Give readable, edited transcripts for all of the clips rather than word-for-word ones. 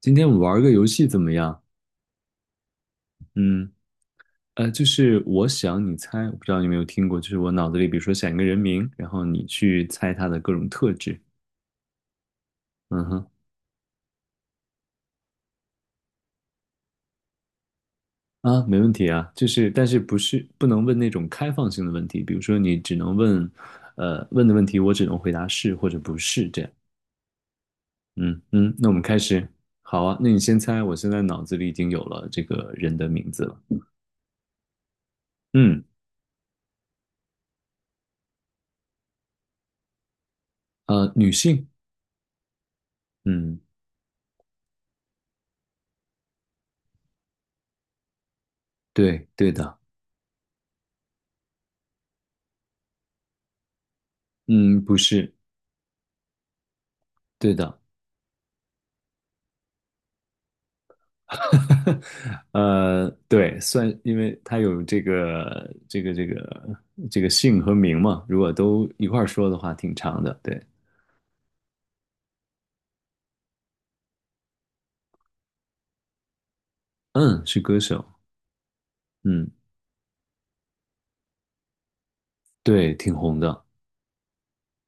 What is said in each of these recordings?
今天我们玩个游戏怎么样？嗯，就是我想你猜，我不知道你有没有听过，就是我脑子里比如说想一个人名，然后你去猜他的各种特质。嗯哼。啊，没问题啊，就是但是不能问那种开放性的问题，比如说你只能问，问的问题我只能回答是或者不是这样。嗯嗯，那我们开始。好啊，那你先猜，我现在脑子里已经有了这个人的名字了。嗯。女性。嗯。对对的。嗯，不是。对的。呃，对，算，因为他有这个姓和名嘛，如果都一块儿说的话，挺长的。对。嗯，是歌手。嗯。对，挺红的。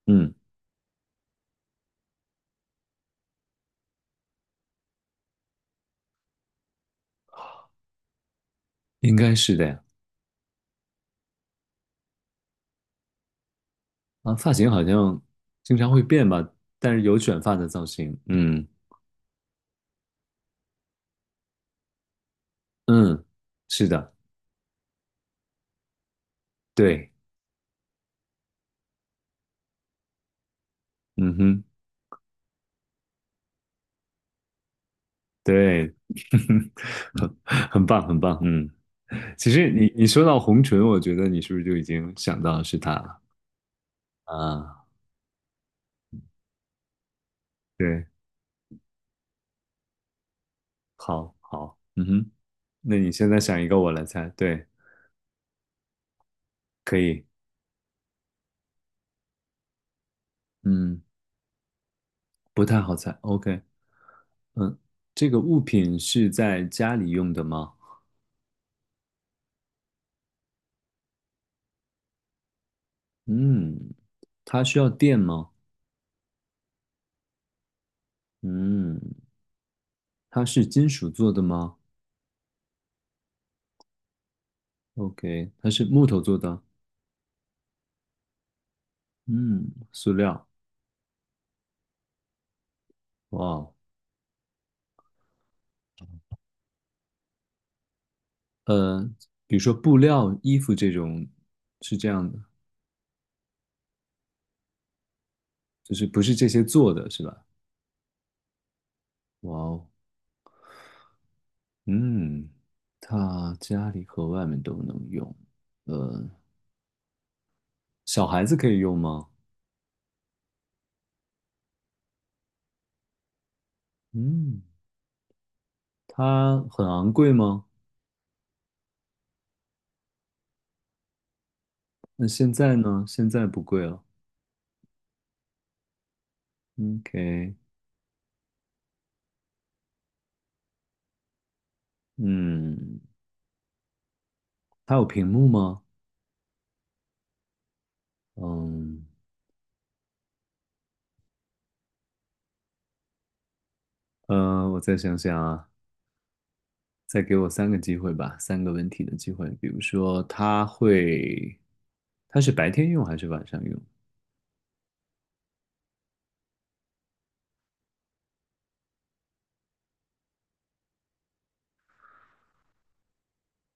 嗯。应该是的呀。啊，发型好像经常会变吧，但是有卷发的造型。嗯嗯，是的。对。嗯哼。对。很棒，很棒，嗯。其实你说到红唇，我觉得你是不是就已经想到是他？啊，对。好，好，嗯哼。那你现在想一个我来猜，对。可以。嗯，不太好猜，OK。嗯，这个物品是在家里用的吗？嗯，它需要电吗？嗯，它是金属做的吗？OK,它是木头做的。嗯，塑料。哇哦。呃，比如说布料、衣服这种，是这样的，就是不是这些做的是吧？哇哦。嗯，他家里和外面都能用。呃，小孩子可以用吗？嗯，它很昂贵吗？那现在呢？现在不贵了。OK。嗯，它有屏幕吗？嗯，我再想想啊，再给我三个机会吧，三个问题的机会。比如说，它会，它是白天用还是晚上用？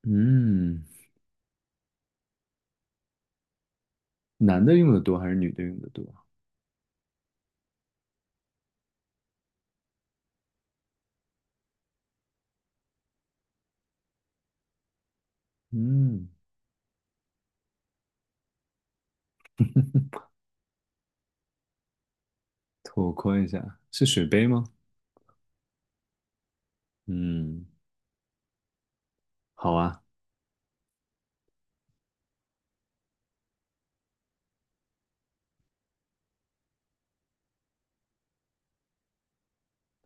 嗯，男的用的多还是女的用的多？嗯。拓宽一下，是水杯吗？嗯。好啊。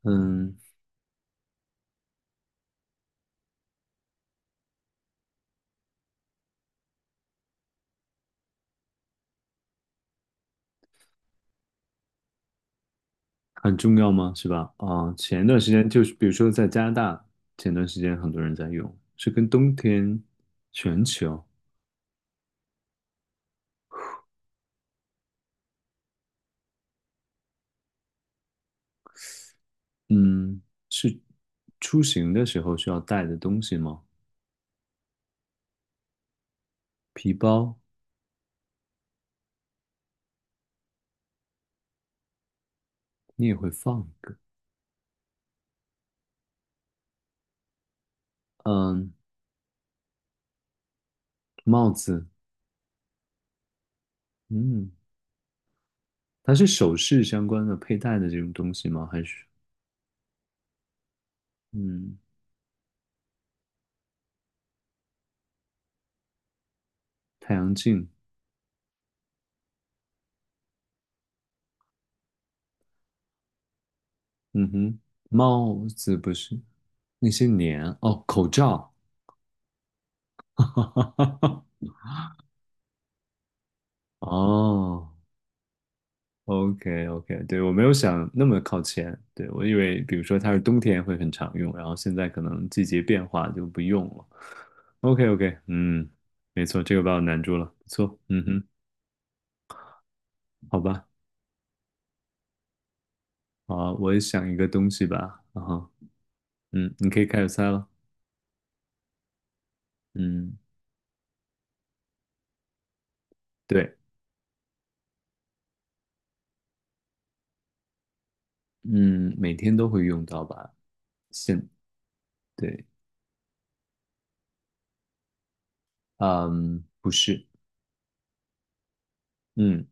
嗯，很重要吗？是吧？啊，前段时间就是，比如说在加拿大，前段时间很多人在用，是跟冬天，全球。嗯，是出行的时候需要带的东西吗？皮包。你也会放一个。嗯，帽子。嗯，它是首饰相关的佩戴的这种东西吗？还是，嗯，太阳镜？嗯哼。帽子不是，那些年哦，口罩。哦，OK OK,对，我没有想那么靠前，对，我以为比如说它是冬天会很常用，然后现在可能季节变化就不用了。OK OK,嗯，没错，这个把我难住了，不错，嗯哼。好吧。好，我也想一个东西吧，然后，嗯，你可以开始猜了。嗯。对。嗯，每天都会用到吧。现，对。嗯，不是。嗯，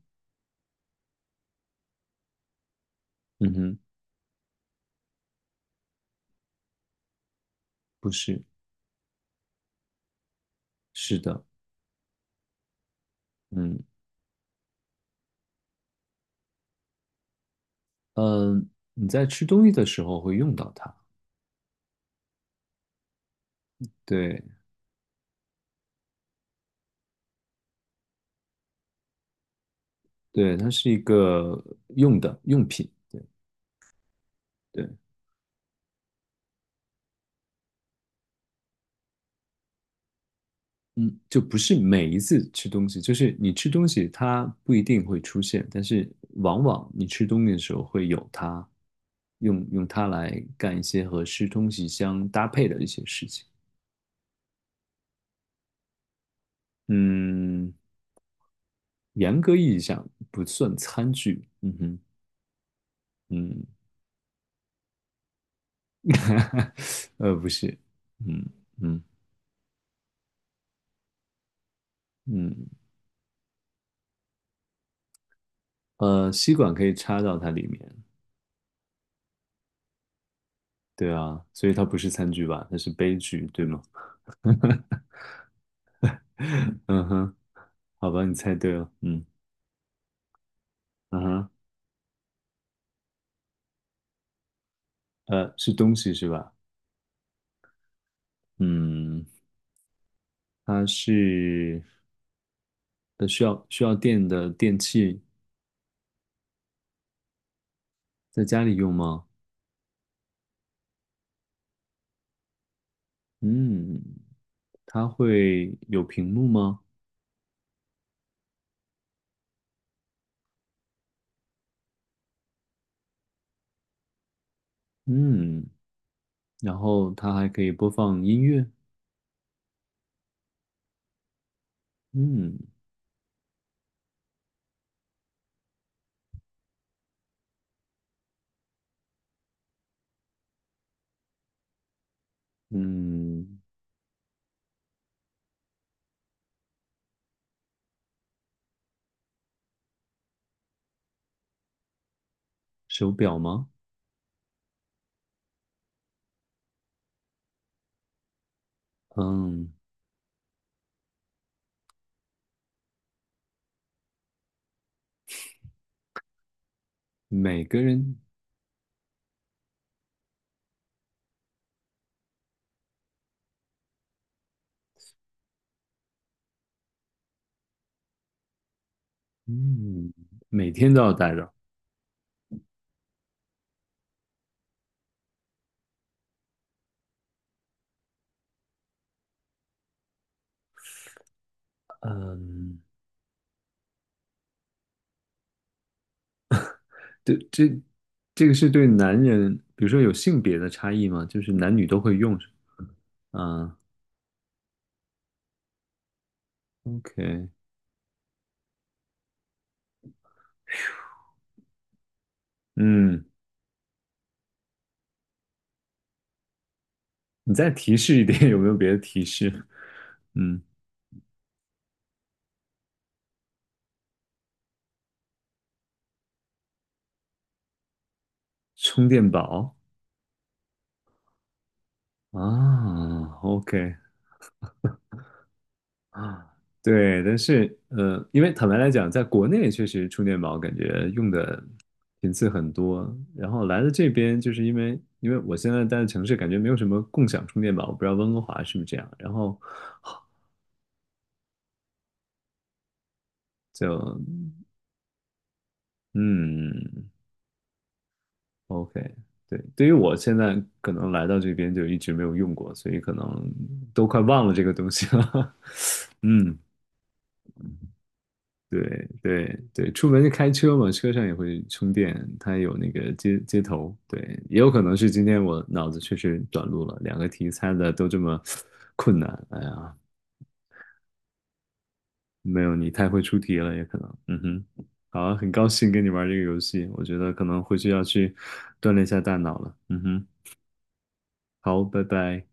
嗯哼。不是。是的。嗯。嗯，你在吃东西的时候会用到它。对。对，它是一个用的用品，对。对。嗯，就不是每一次吃东西，就是你吃东西它不一定会出现，但是往往你吃东西的时候会有它，用它来干一些和吃东西相搭配的一些事情。嗯，严格意义上不算餐具，嗯哼。嗯。呃，不是。嗯。嗯。嗯，吸管可以插到它里面。对啊，所以它不是餐具吧？它是杯具，对吗？嗯哼。好吧，你猜对了。嗯，嗯哼。呃，是东西是吧？嗯，它是呃需要需要电的电器，在家里用吗？嗯，它会有屏幕吗？嗯，然后它还可以播放音乐。嗯。嗯，手表吗？嗯，每个人。嗯，每天都要带着。嗯，对，这个是对男人，比如说有性别的差异吗？就是男女都会用是吗？啊，OK。嗯，你再提示一点，有没有别的提示？嗯，充电宝啊，OK。啊，对，但是因为坦白来讲，在国内确实充电宝感觉用的频次很多，然后来了这边就是因为我现在待的城市感觉没有什么共享充电宝，我不知道温哥华是不是这样，然后就，嗯，OK。对，对于我现在可能来到这边就一直没有用过，所以可能都快忘了这个东西了。嗯，对对对，出门就开车嘛，车上也会充电，它有那个接头。对，也有可能是今天我脑子确实短路了，两个题猜的都这么 困难。哎呀，没有，你太会出题了，也可能。嗯哼。好啊，很高兴跟你玩这个游戏，我觉得可能回去要去锻炼一下大脑了。嗯哼。好，拜拜。